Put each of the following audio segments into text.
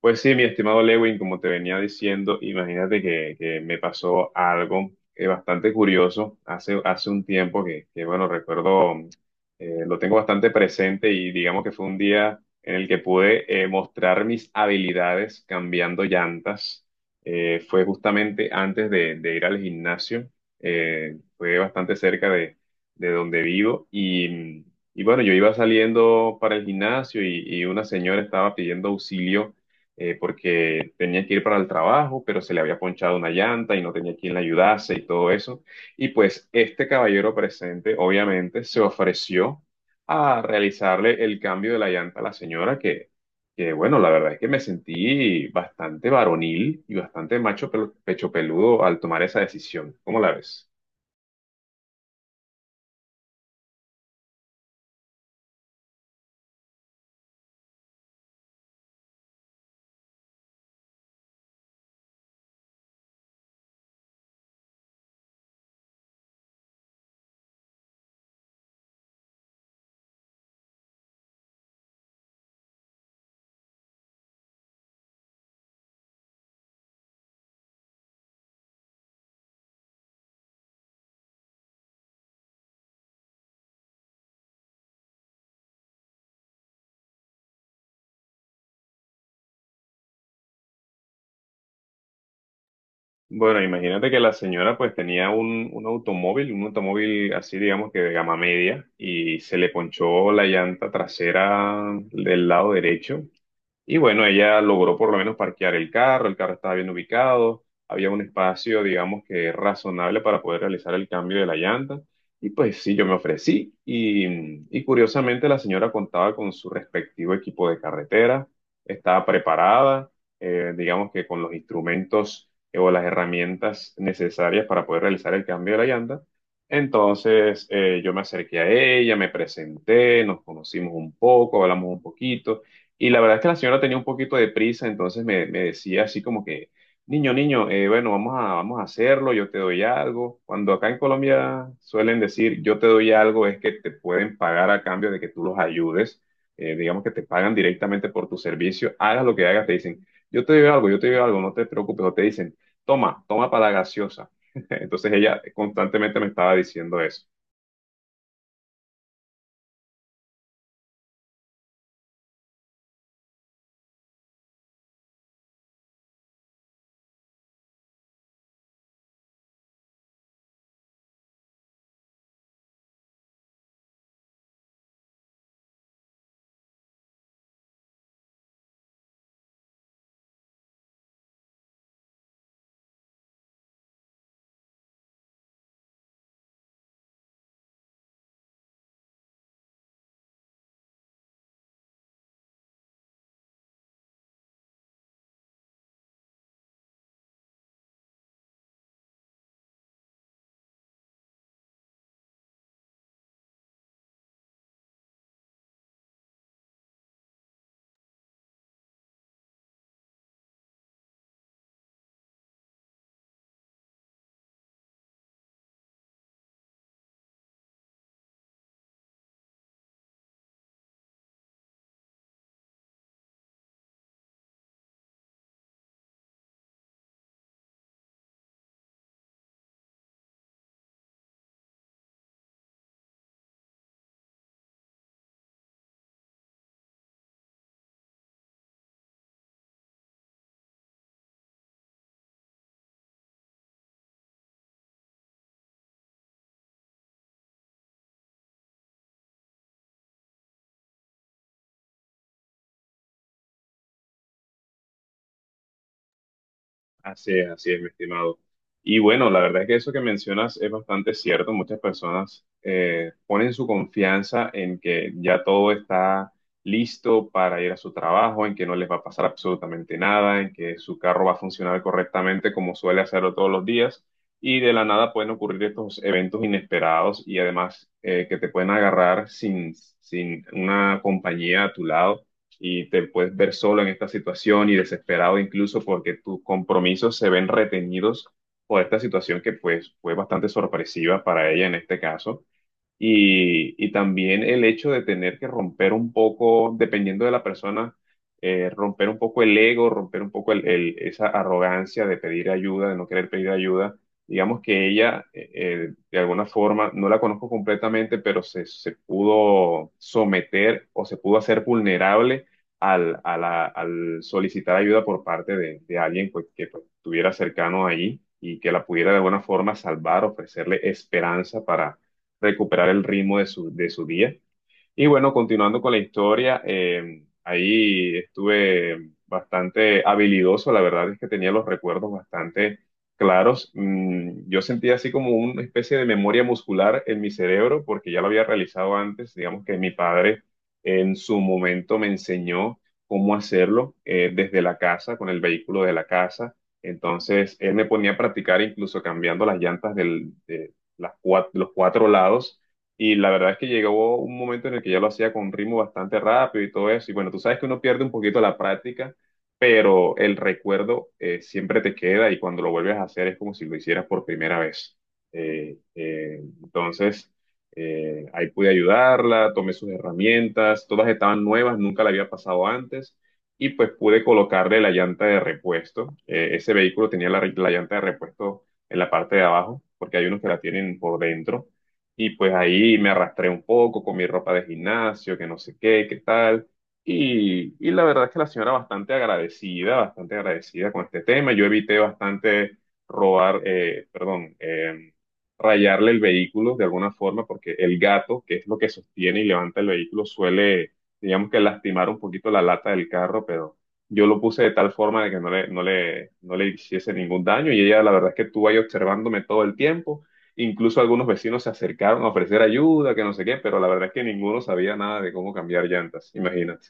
Pues sí, mi estimado Lewin, como te venía diciendo, imagínate que me pasó algo bastante curioso hace un tiempo bueno, recuerdo, lo tengo bastante presente y digamos que fue un día en el que pude mostrar mis habilidades cambiando llantas. Fue justamente antes de ir al gimnasio, fue bastante cerca de donde vivo y y bueno, yo iba saliendo para el gimnasio y una señora estaba pidiendo auxilio porque tenía que ir para el trabajo, pero se le había ponchado una llanta y no tenía quien le ayudase y todo eso. Y pues este caballero presente, obviamente, se ofreció a realizarle el cambio de la llanta a la señora, que bueno, la verdad es que me sentí bastante varonil y bastante macho pecho peludo al tomar esa decisión. ¿Cómo la ves? Bueno, imagínate que la señora pues tenía un automóvil, un automóvil así digamos que de gama media y se le ponchó la llanta trasera del lado derecho y bueno, ella logró por lo menos parquear el carro estaba bien ubicado, había un espacio, digamos que razonable para poder realizar el cambio de la llanta. Y pues sí, yo me ofrecí y y curiosamente la señora contaba con su respectivo equipo de carretera, estaba preparada, digamos que con los instrumentos o las herramientas necesarias para poder realizar el cambio de la llanta. Entonces yo me acerqué a ella, me presenté, nos conocimos un poco, hablamos un poquito. Y la verdad es que la señora tenía un poquito de prisa, entonces me decía así como que, niño, niño, bueno, vamos a hacerlo, yo te doy algo. Cuando acá en Colombia suelen decir, yo te doy algo, es que te pueden pagar a cambio de que tú los ayudes. Digamos que te pagan directamente por tu servicio, hagas lo que hagas, te dicen, yo te doy algo, yo te doy algo, no te preocupes, o te dicen, toma, toma para la gaseosa. Entonces ella constantemente me estaba diciendo eso. Así es, mi estimado. Y bueno, la verdad es que eso que mencionas es bastante cierto. Muchas personas ponen su confianza en que ya todo está listo para ir a su trabajo, en que no les va a pasar absolutamente nada, en que su carro va a funcionar correctamente como suele hacerlo todos los días. Y de la nada pueden ocurrir estos eventos inesperados y además que te pueden agarrar sin una compañía a tu lado y te puedes ver solo en esta situación y desesperado incluso porque tus compromisos se ven retenidos por esta situación que pues fue bastante sorpresiva para ella en este caso. Y también el hecho de tener que romper un poco, dependiendo de la persona, romper un poco el ego, romper un poco esa arrogancia de pedir ayuda, de no querer pedir ayuda. Digamos que ella, de alguna forma, no la conozco completamente, pero se pudo someter o se pudo hacer vulnerable al solicitar ayuda por parte de alguien pues, que pues, estuviera cercano allí y que la pudiera de alguna forma salvar, ofrecerle esperanza recuperar el ritmo de su día. Y bueno, continuando con la historia, ahí estuve bastante habilidoso, la verdad es que tenía los recuerdos bastante claros. Mm, yo sentía así como una especie de memoria muscular en mi cerebro, porque ya lo había realizado antes, digamos que mi padre en su momento me enseñó cómo hacerlo desde la casa, con el vehículo de la casa. Entonces, él me ponía a practicar incluso cambiando las llantas de las los cuatro lados y la verdad es que llegó un momento en el que ya lo hacía con ritmo bastante rápido y todo eso. Y bueno, tú sabes que uno pierde un poquito la práctica, pero el recuerdo siempre te queda y cuando lo vuelves a hacer es como si lo hicieras por primera vez. Entonces, ahí pude ayudarla, tomé sus herramientas, todas estaban nuevas, nunca la había pasado antes. Y pues pude colocarle la llanta de repuesto. Ese vehículo tenía la llanta de repuesto en la parte de abajo, porque hay unos que la tienen por dentro y pues ahí me arrastré un poco con mi ropa de gimnasio, que no sé qué, qué tal. Y la verdad es que la señora bastante agradecida con este tema. Yo evité bastante perdón, rayarle el vehículo de alguna forma, porque el gato, que es lo que sostiene y levanta el vehículo, suele, digamos que lastimar un poquito la lata del carro, pero yo lo puse de tal forma de que no le hiciese ningún daño. Y ella, la verdad es que estuvo ahí observándome todo el tiempo. Incluso algunos vecinos se acercaron a ofrecer ayuda, que no sé qué, pero la verdad es que ninguno sabía nada de cómo cambiar llantas, imagínate.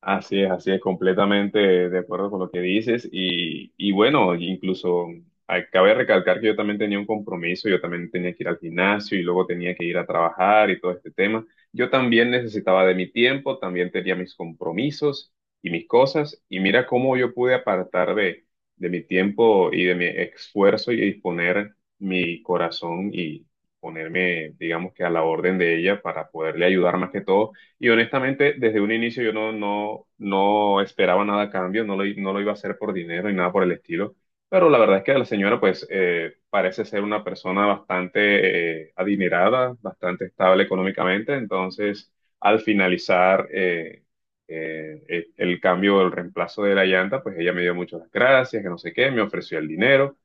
Así es, completamente de acuerdo con lo que dices. Y bueno, incluso cabe recalcar que yo también tenía un compromiso, yo también tenía que ir al gimnasio y luego tenía que ir a trabajar y todo este tema. Yo también necesitaba de mi tiempo, también tenía mis compromisos y mis cosas. Y mira cómo yo pude apartar de mi tiempo y de mi esfuerzo y poner mi corazón y ponerme, digamos que a la orden de ella para poderle ayudar más que todo y honestamente, desde un inicio yo no esperaba nada a cambio, no lo iba a hacer por dinero y nada por el estilo. Pero la verdad es que la señora, pues, parece ser una persona bastante adinerada, bastante estable económicamente. Entonces, al finalizar el cambio, el reemplazo de la llanta, pues ella me dio muchas gracias, que no sé qué, me ofreció el dinero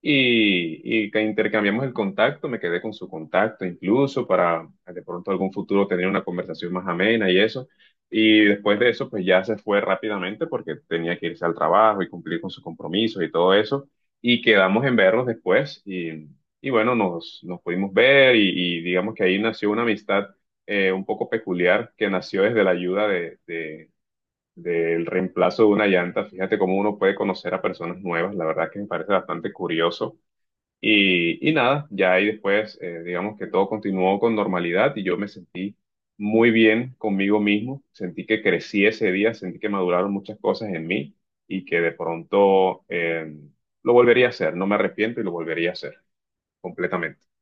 y que intercambiamos el contacto, me quedé con su contacto incluso para de pronto algún futuro tener una conversación más amena y eso. Y después de eso, pues ya se fue rápidamente porque tenía que irse al trabajo y cumplir con sus compromisos y todo eso. Y quedamos en vernos después y bueno, nos pudimos ver y digamos que ahí nació una amistad un poco peculiar que nació desde la ayuda del reemplazo de una llanta. Fíjate cómo uno puede conocer a personas nuevas, la verdad que me parece bastante curioso. Nada, ya ahí después, digamos que todo continuó con normalidad y yo me sentí muy bien conmigo mismo, sentí que crecí ese día, sentí que maduraron muchas cosas en mí y que de pronto lo volvería a hacer, no me arrepiento y lo volvería a hacer completamente.